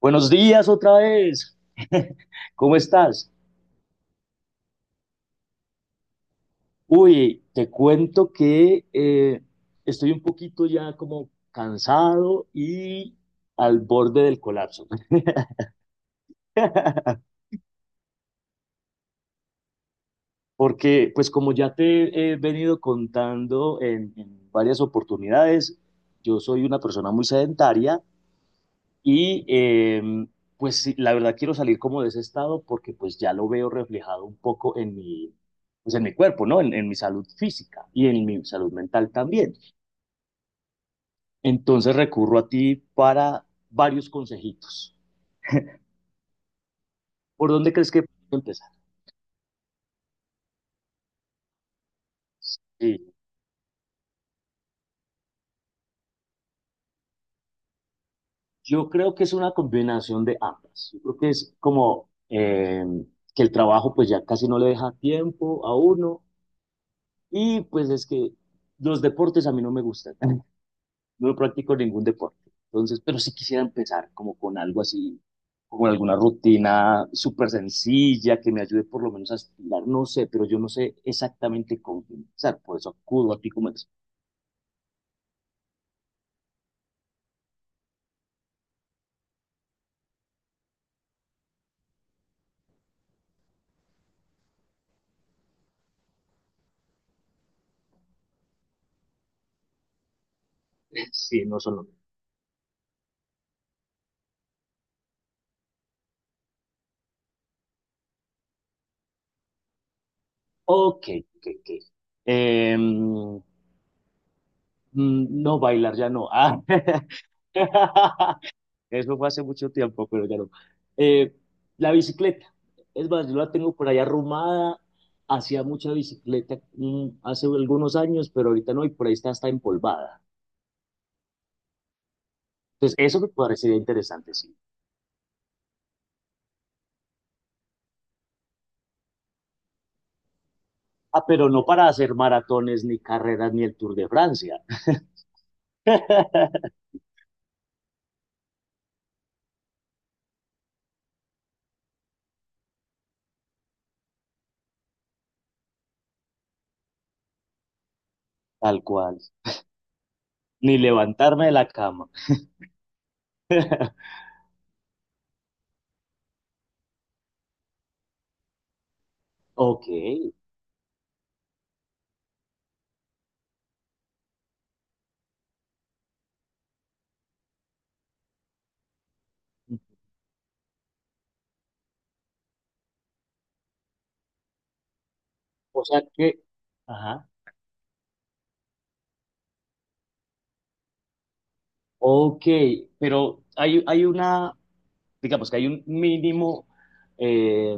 Buenos días otra vez. ¿Cómo estás? Uy, te cuento que estoy un poquito ya como cansado y al borde del colapso. Porque, pues como ya te he venido contando en varias oportunidades, yo soy una persona muy sedentaria. Y eh, pues sí, la verdad quiero salir como de ese estado porque pues ya lo veo reflejado un poco en pues en mi cuerpo, ¿no? En mi salud física y en mi salud mental también. Entonces recurro a ti para varios consejitos. ¿Por dónde crees que puedo empezar? Sí, yo creo que es una combinación de ambas. Yo creo que es como que el trabajo pues ya casi no le deja tiempo a uno y pues es que los deportes a mí no me gustan. No practico ningún deporte. Entonces, pero sí quisiera empezar como con algo así, con alguna rutina súper sencilla que me ayude por lo menos a estirar, no sé, pero yo no sé exactamente cómo comenzar, por eso acudo a ti como experto. Sí, no solo. Ok, ok, ok. Em, no, bailar ya no. Ah. Eso fue hace mucho tiempo, pero ya no. Eh, la bicicleta. Es más, yo la tengo por ahí arrumada. Hacía mucha bicicleta hace algunos años, pero ahorita no, y por ahí está empolvada. Entonces, eso me parecería interesante, sí. Ah, pero no para hacer maratones, ni carreras, ni el Tour de Francia. Tal cual. Ni levantarme de la cama. Ok. O sea que, ajá. Ok, pero hay una, digamos que hay un mínimo eh,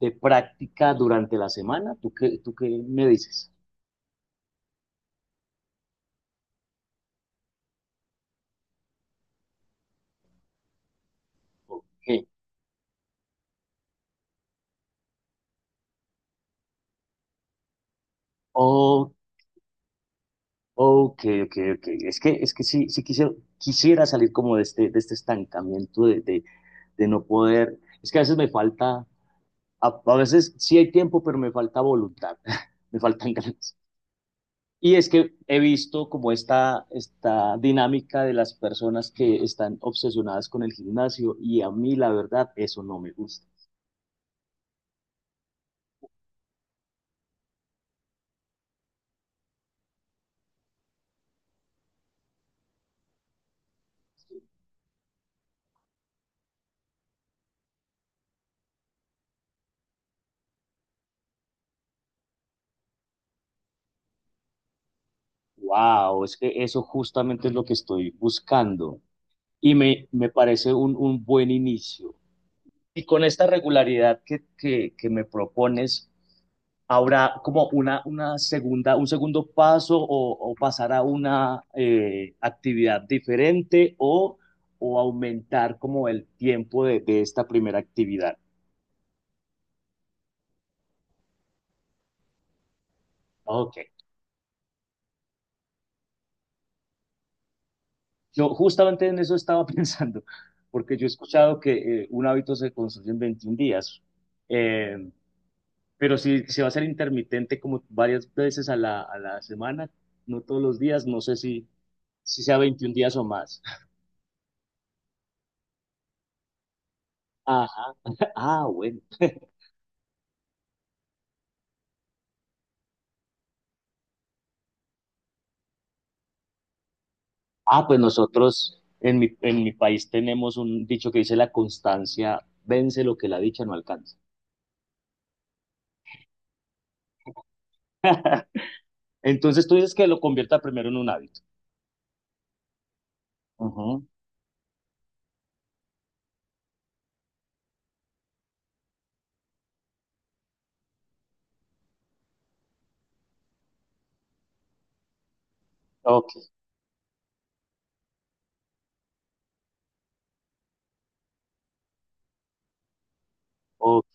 de práctica durante la semana. ¿ Tú qué me dices? Ok, oh, ok, ok, ok. Es que sí, sí quisiera, quisiera salir como de este estancamiento de no poder. Es que a veces me falta, a veces sí hay tiempo, pero me falta voluntad, me faltan ganas. Y es que he visto como esta dinámica de las personas que están obsesionadas con el gimnasio y a mí la verdad eso no me gusta. Wow, es que eso justamente es lo que estoy buscando y me parece un buen inicio. Y con esta regularidad que me propones, ¿habrá como una segunda, un segundo paso o pasar a una actividad diferente o aumentar como el tiempo de esta primera actividad? Ok, yo justamente en eso estaba pensando, porque yo he escuchado que un hábito se construye en 21 días, eh, pero si se va a ser intermitente como varias veces a a la semana, no todos los días, no sé si si sea 21 días o más. Ajá. Ah, bueno. Ah, pues nosotros en en mi país tenemos un dicho que dice la constancia vence lo que la dicha no alcanza. Entonces tú dices que lo convierta primero en un hábito. Ujú. Ok, ok.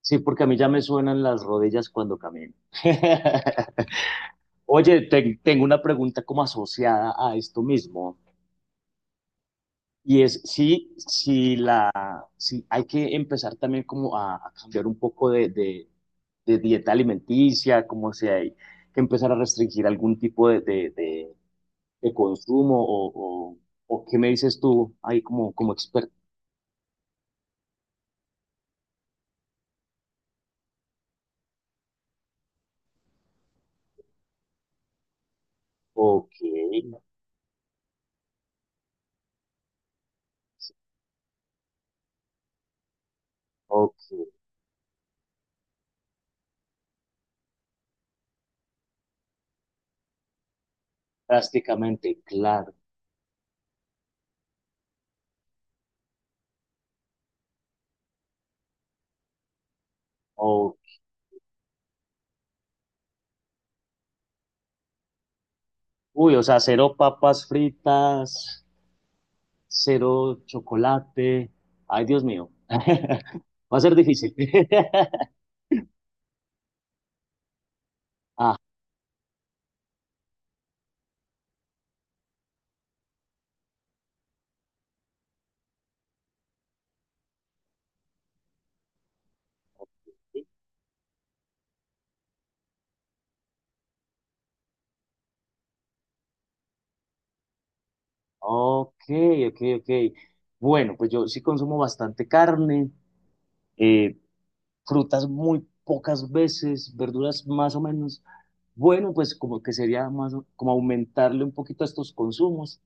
Sí, porque a mí ya me suenan las rodillas cuando camino. Oye, te- tengo una pregunta como asociada a esto mismo. Y es, sí, sí, sí, hay que empezar también como a cambiar un poco de dieta alimenticia, como si hay que empezar a restringir algún tipo de consumo o qué me dices tú ahí como, como experto. Ok, ok, prácticamente, claro. Ok. Uy, o sea, cero papas fritas, cero chocolate. Ay, Dios mío, va a ser difícil. Ah. Ok, ok, ok. Bueno, pues yo sí consumo bastante carne, eh, frutas muy pocas veces, verduras más o menos. Bueno, pues como que sería más, o- como aumentarle un poquito a estos consumos.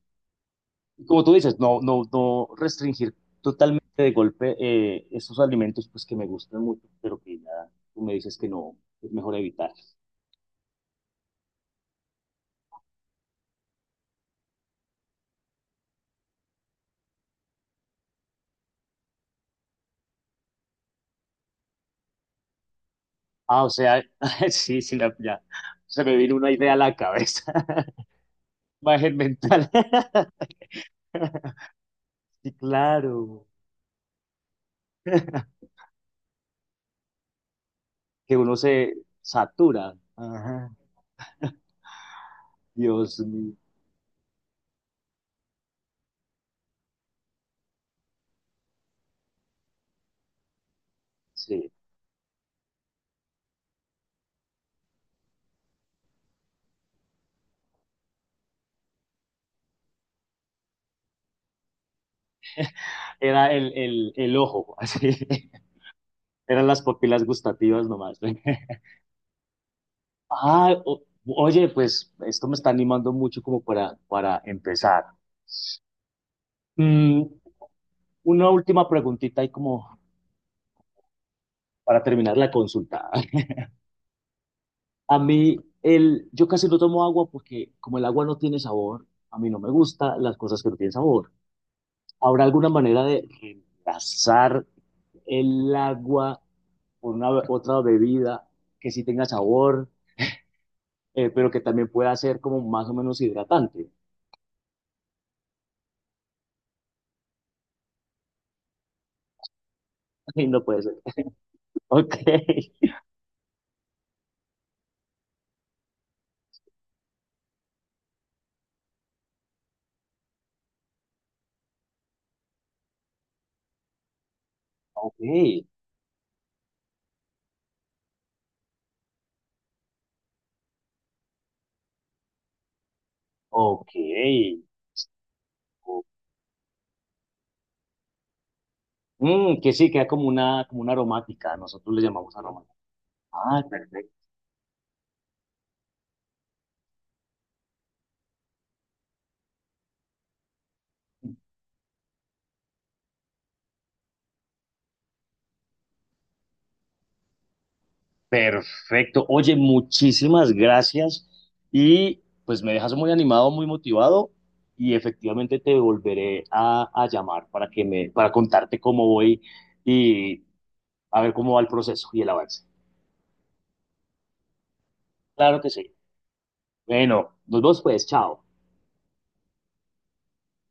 Y como tú dices, no, no, no restringir totalmente de golpe estos alimentos pues que me gustan mucho, pero que ya tú me dices que no, es mejor evitar. Ah, o sea, sí, sí, la- ya se me vino una idea a la cabeza, imagen mental. Sí, claro. Que uno se satura. Ajá. Dios mío. Sí. Era el ojo, así. Eran las papilas gustativas nomás. Ah, o- oye, pues esto me está animando mucho como para empezar. Mm, una última preguntita y como para terminar la consulta. A mí, el, yo casi no tomo agua porque como el agua no tiene sabor, a mí no me gusta las cosas que no tienen sabor. ¿Habrá alguna manera de reemplazar el agua por una otra bebida que sí tenga sabor, pero que también pueda ser como más o menos hidratante? Y no puede ser. Ok, ok, ok. Mm, que sí, queda como una aromática. Nosotros le llamamos aromática. Ah, perfecto. Perfecto. Oye, muchísimas gracias. Y pues me dejas muy animado, muy motivado. Y efectivamente te volveré a llamar para que para contarte cómo voy y a ver cómo va el proceso y el avance. Claro que sí. Bueno, nos vemos pues, chao.